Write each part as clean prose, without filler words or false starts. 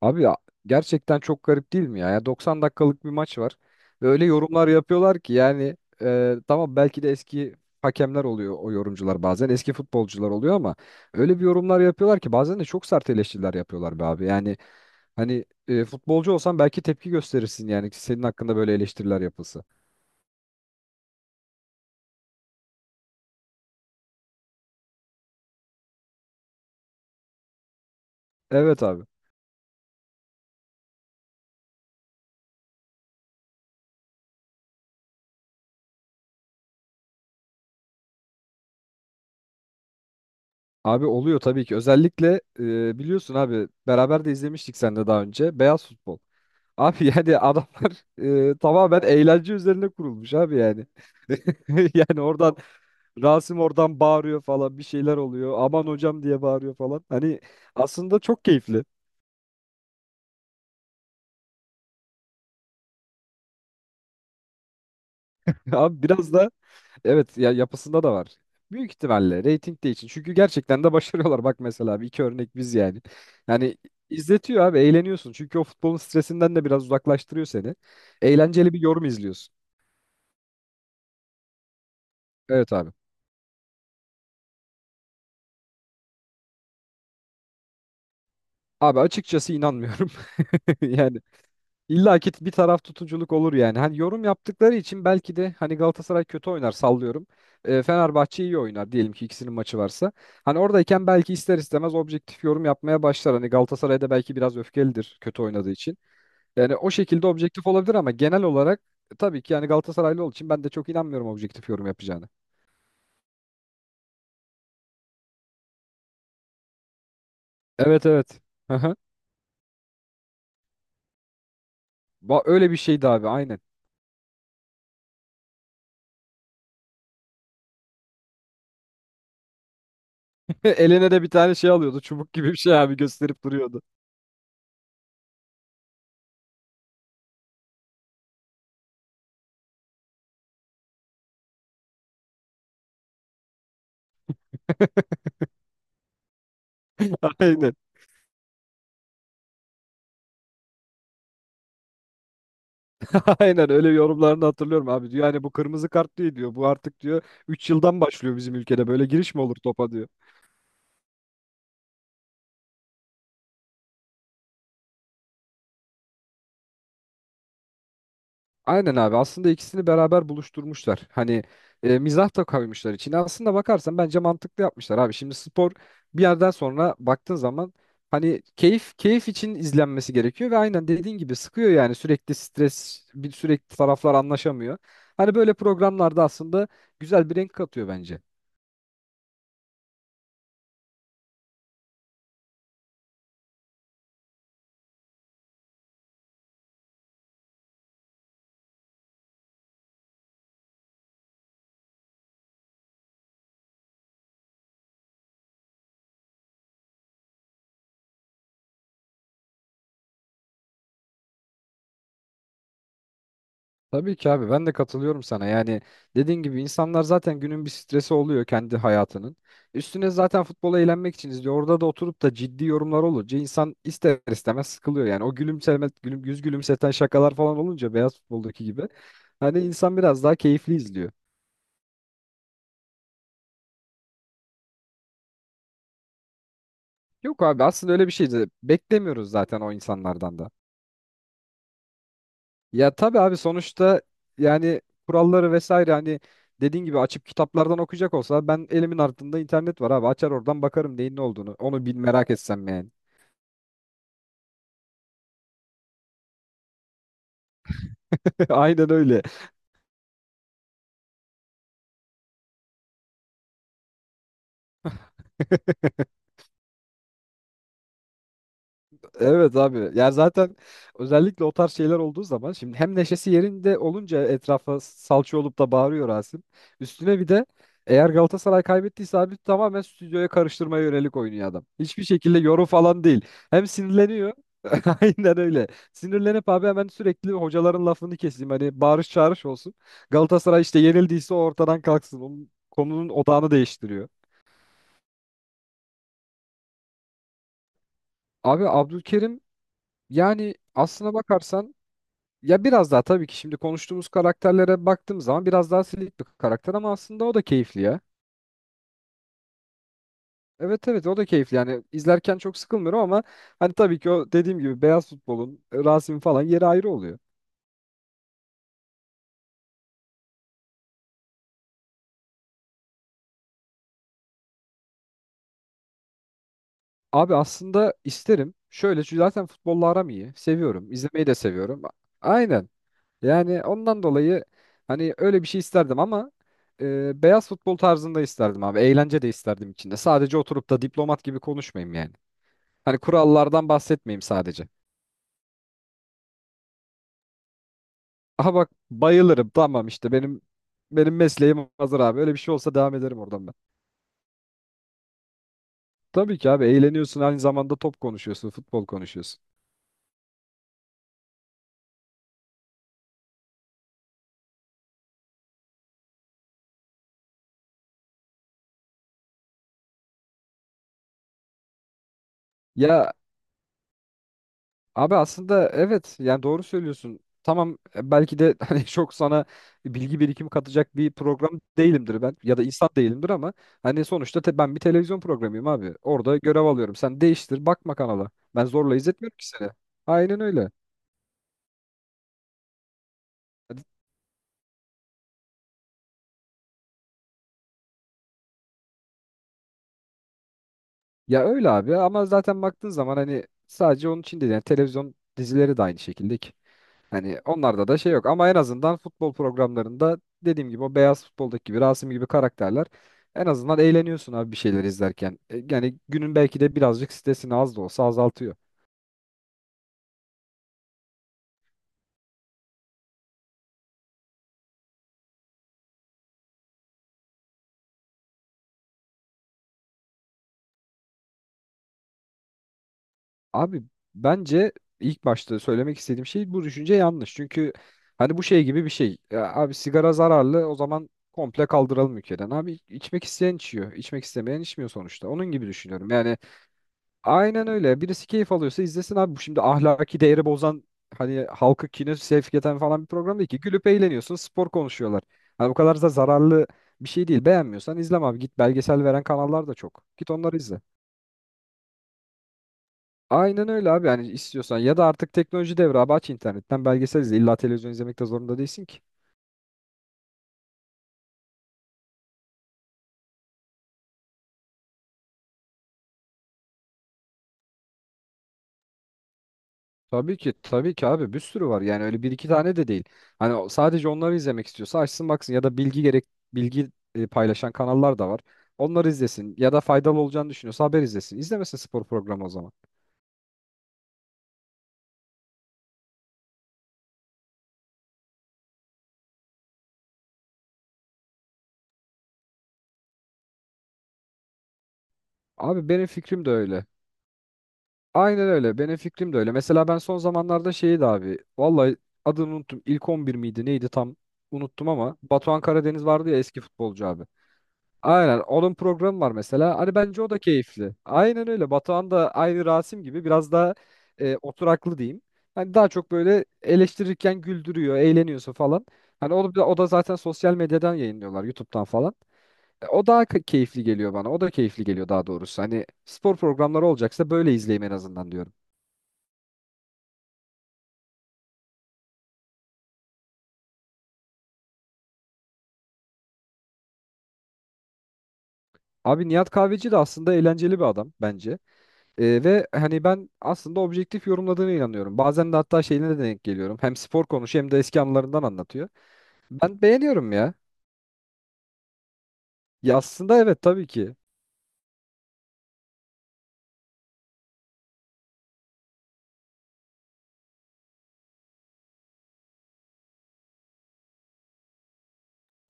Abi ya, gerçekten çok garip değil mi ya? Ya 90 dakikalık bir maç var. Ve öyle yorumlar yapıyorlar ki yani tamam belki de eski hakemler oluyor o yorumcular bazen. Eski futbolcular oluyor ama öyle bir yorumlar yapıyorlar ki bazen de çok sert eleştiriler yapıyorlar be abi. Yani hani futbolcu olsan belki tepki gösterirsin yani senin hakkında böyle eleştiriler yapılsa. Evet abi. Abi oluyor tabii ki. Özellikle biliyorsun abi beraber de izlemiştik sen de daha önce. Beyaz futbol. Abi yani adamlar tamamen eğlence üzerine kurulmuş abi yani. Yani oradan Rasim oradan bağırıyor falan bir şeyler oluyor. Aman hocam diye bağırıyor falan. Hani aslında çok keyifli. Abi biraz da evet ya yapısında da var. Büyük ihtimalle reyting de için. Çünkü gerçekten de başarıyorlar. Bak mesela bir iki örnek biz yani. Yani izletiyor abi eğleniyorsun. Çünkü o futbolun stresinden de biraz uzaklaştırıyor seni. Eğlenceli bir yorum izliyorsun. Evet abi. Abi açıkçası inanmıyorum. Yani İlla ki bir taraf tutuculuk olur yani. Hani yorum yaptıkları için belki de hani Galatasaray kötü oynar sallıyorum. Fenerbahçe iyi oynar diyelim ki ikisinin maçı varsa. Hani oradayken belki ister istemez objektif yorum yapmaya başlar. Hani Galatasaray da belki biraz öfkelidir kötü oynadığı için. Yani o şekilde objektif olabilir ama genel olarak tabii ki yani Galatasaraylı olduğu için ben de çok inanmıyorum objektif yorum yapacağını. Evet evet. Hı hı. Öyle bir şeydi abi aynen. Eline de bir tane şey alıyordu çubuk gibi bir şey abi gösterip duruyordu. Aynen. Aynen öyle yorumlarını hatırlıyorum abi diyor. Yani bu kırmızı kart değil diyor. Bu artık diyor 3 yıldan başlıyor bizim ülkede. Böyle giriş mi olur topa diyor. Aynen abi aslında ikisini beraber buluşturmuşlar. Hani mizah da koymuşlar içine. Aslında bakarsan bence mantıklı yapmışlar abi. Şimdi spor bir yerden sonra baktığın zaman hani keyif keyif için izlenmesi gerekiyor ve aynen dediğin gibi sıkıyor yani sürekli stres bir sürekli taraflar anlaşamıyor. Hani böyle programlarda aslında güzel bir renk katıyor bence. Tabii ki abi ben de katılıyorum sana. Yani dediğin gibi insanlar zaten günün bir stresi oluyor kendi hayatının. Üstüne zaten futbola eğlenmek için izliyor. Orada da oturup da ciddi yorumlar olunca insan ister istemez sıkılıyor. Yani o gülümseme, yüz gülümseten şakalar falan olunca beyaz futboldaki gibi. Hani insan biraz daha keyifli izliyor. Yok abi aslında öyle bir şey de beklemiyoruz zaten o insanlardan da. Ya tabii abi sonuçta yani kuralları vesaire hani dediğin gibi açıp kitaplardan okuyacak olsa ben elimin altında internet var abi açar oradan bakarım neyin ne olduğunu. Onu bil merak etsem yani. Aynen öyle. Evet abi. Yani zaten özellikle o tarz şeyler olduğu zaman şimdi hem neşesi yerinde olunca etrafa salça olup da bağırıyor Rasim. Üstüne bir de eğer Galatasaray kaybettiyse abi tamamen stüdyoya karıştırmaya yönelik oynuyor adam. Hiçbir şekilde yorum falan değil. Hem sinirleniyor. Aynen öyle. Sinirlenip abi hemen sürekli hocaların lafını keseyim. Hani bağırış çağırış olsun. Galatasaray işte yenildiyse o ortadan kalksın. Onun konunun odağını değiştiriyor. Abi Abdülkerim yani aslına bakarsan ya biraz daha tabii ki şimdi konuştuğumuz karakterlere baktığım zaman biraz daha silik bir karakter ama aslında o da keyifli ya. Evet evet o da keyifli yani izlerken çok sıkılmıyorum ama hani tabii ki o dediğim gibi beyaz futbolun Rasim falan yeri ayrı oluyor. Abi aslında isterim şöyle çünkü zaten futbolla aram iyi seviyorum izlemeyi de seviyorum. Aynen yani ondan dolayı hani öyle bir şey isterdim ama beyaz futbol tarzında isterdim abi eğlence de isterdim içinde sadece oturup da diplomat gibi konuşmayayım yani. Hani kurallardan bahsetmeyeyim sadece. Aha bak bayılırım. Tamam işte benim mesleğim hazır abi. Öyle bir şey olsa devam ederim oradan ben. Tabii ki abi eğleniyorsun aynı zamanda top konuşuyorsun, futbol konuşuyorsun. Ya abi aslında evet yani doğru söylüyorsun. Tamam belki de hani çok sana bilgi birikimi katacak bir program değilimdir ben ya da insan değilimdir ama hani sonuçta ben bir televizyon programıyım abi. Orada görev alıyorum. Sen değiştir bakma kanala. Ben zorla izletmiyorum ki seni. Aynen öyle. Ya öyle abi ama zaten baktığın zaman hani sadece onun için değil yani televizyon dizileri de aynı şekilde ki. Hani onlarda da şey yok ama en azından futbol programlarında dediğim gibi o beyaz futboldaki gibi Rasim gibi karakterler en azından eğleniyorsun abi bir şeyler izlerken. Yani günün belki de birazcık stresini az da olsa azaltıyor. Abi bence ilk başta söylemek istediğim şey bu düşünce yanlış. Çünkü hani bu şey gibi bir şey. Ya abi sigara zararlı o zaman komple kaldıralım ülkeden. Abi içmek isteyen içiyor. İçmek istemeyen içmiyor sonuçta. Onun gibi düşünüyorum. Yani aynen öyle. Birisi keyif alıyorsa izlesin abi. Bu şimdi ahlaki değeri bozan hani halkı kine sevk eden falan bir program değil ki. Gülüp eğleniyorsun. Spor konuşuyorlar. Hani bu kadar da zararlı bir şey değil. Beğenmiyorsan izleme abi. Git belgesel veren kanallar da çok. Git onları izle. Aynen öyle abi yani istiyorsan ya da artık teknoloji devri abi aç internetten belgesel izle illa televizyon izlemek de zorunda değilsin ki. Tabii ki tabii ki abi bir sürü var yani öyle bir iki tane de değil. Hani sadece onları izlemek istiyorsa açsın baksın ya da bilgi gerek bilgi paylaşan kanallar da var. Onları izlesin ya da faydalı olacağını düşünüyorsa haber izlesin. İzlemesin spor programı o zaman. Abi benim fikrim de öyle. Aynen öyle benim fikrim de öyle. Mesela ben son zamanlarda şeyi de abi vallahi adını unuttum ilk 11 miydi neydi tam unuttum ama Batuhan Karadeniz vardı ya eski futbolcu abi. Aynen onun programı var mesela. Hani bence o da keyifli. Aynen öyle. Batuhan da aynı Rasim gibi biraz daha oturaklı diyeyim. Hani daha çok böyle eleştirirken güldürüyor, eğleniyorsun falan. Hani o da zaten sosyal medyadan yayınlıyorlar, YouTube'dan falan. E, o daha keyifli geliyor bana. O da keyifli geliyor daha doğrusu. Hani spor programları olacaksa böyle izleyeyim en azından diyorum. Abi Nihat Kahveci de aslında eğlenceli bir adam bence. Ve hani ben aslında objektif yorumladığına inanıyorum. Bazen de hatta şeyine de denk geliyorum. Hem spor konuşuyor hem de eski anılarından anlatıyor. Ben beğeniyorum ya. Ya aslında evet tabii ki.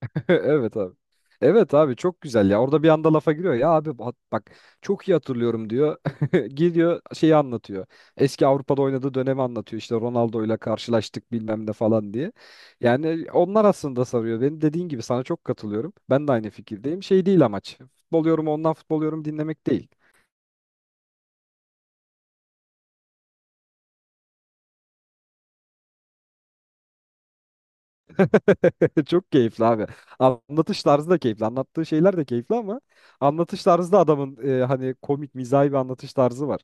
Evet abi. Evet abi çok güzel ya. Orada bir anda lafa giriyor. Ya abi bak, bak çok iyi hatırlıyorum diyor. Gidiyor şeyi anlatıyor. Eski Avrupa'da oynadığı dönemi anlatıyor. İşte Ronaldo'yla karşılaştık bilmem ne falan diye. Yani onlar aslında sarıyor. Benim dediğin gibi sana çok katılıyorum. Ben de aynı fikirdeyim. Şey değil amaç. Futbol yorumu ondan futbol yorumu dinlemek değil. Çok keyifli abi. Anlatış tarzı da keyifli. Anlattığı şeyler de keyifli ama anlatış tarzı da adamın hani komik, mizahi bir anlatış tarzı var.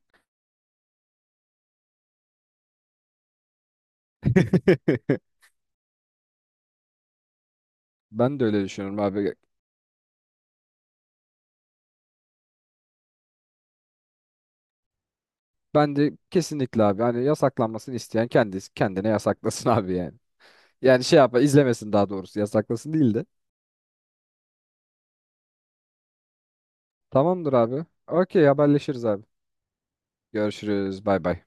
Ben de öyle düşünüyorum abi. Ben de kesinlikle abi hani yasaklanmasını isteyen kendisi kendine yasaklasın abi yani. Yani şey yapma izlemesin daha doğrusu yasaklasın değil de. Tamamdır abi. Okey haberleşiriz abi. Görüşürüz. Bay bay.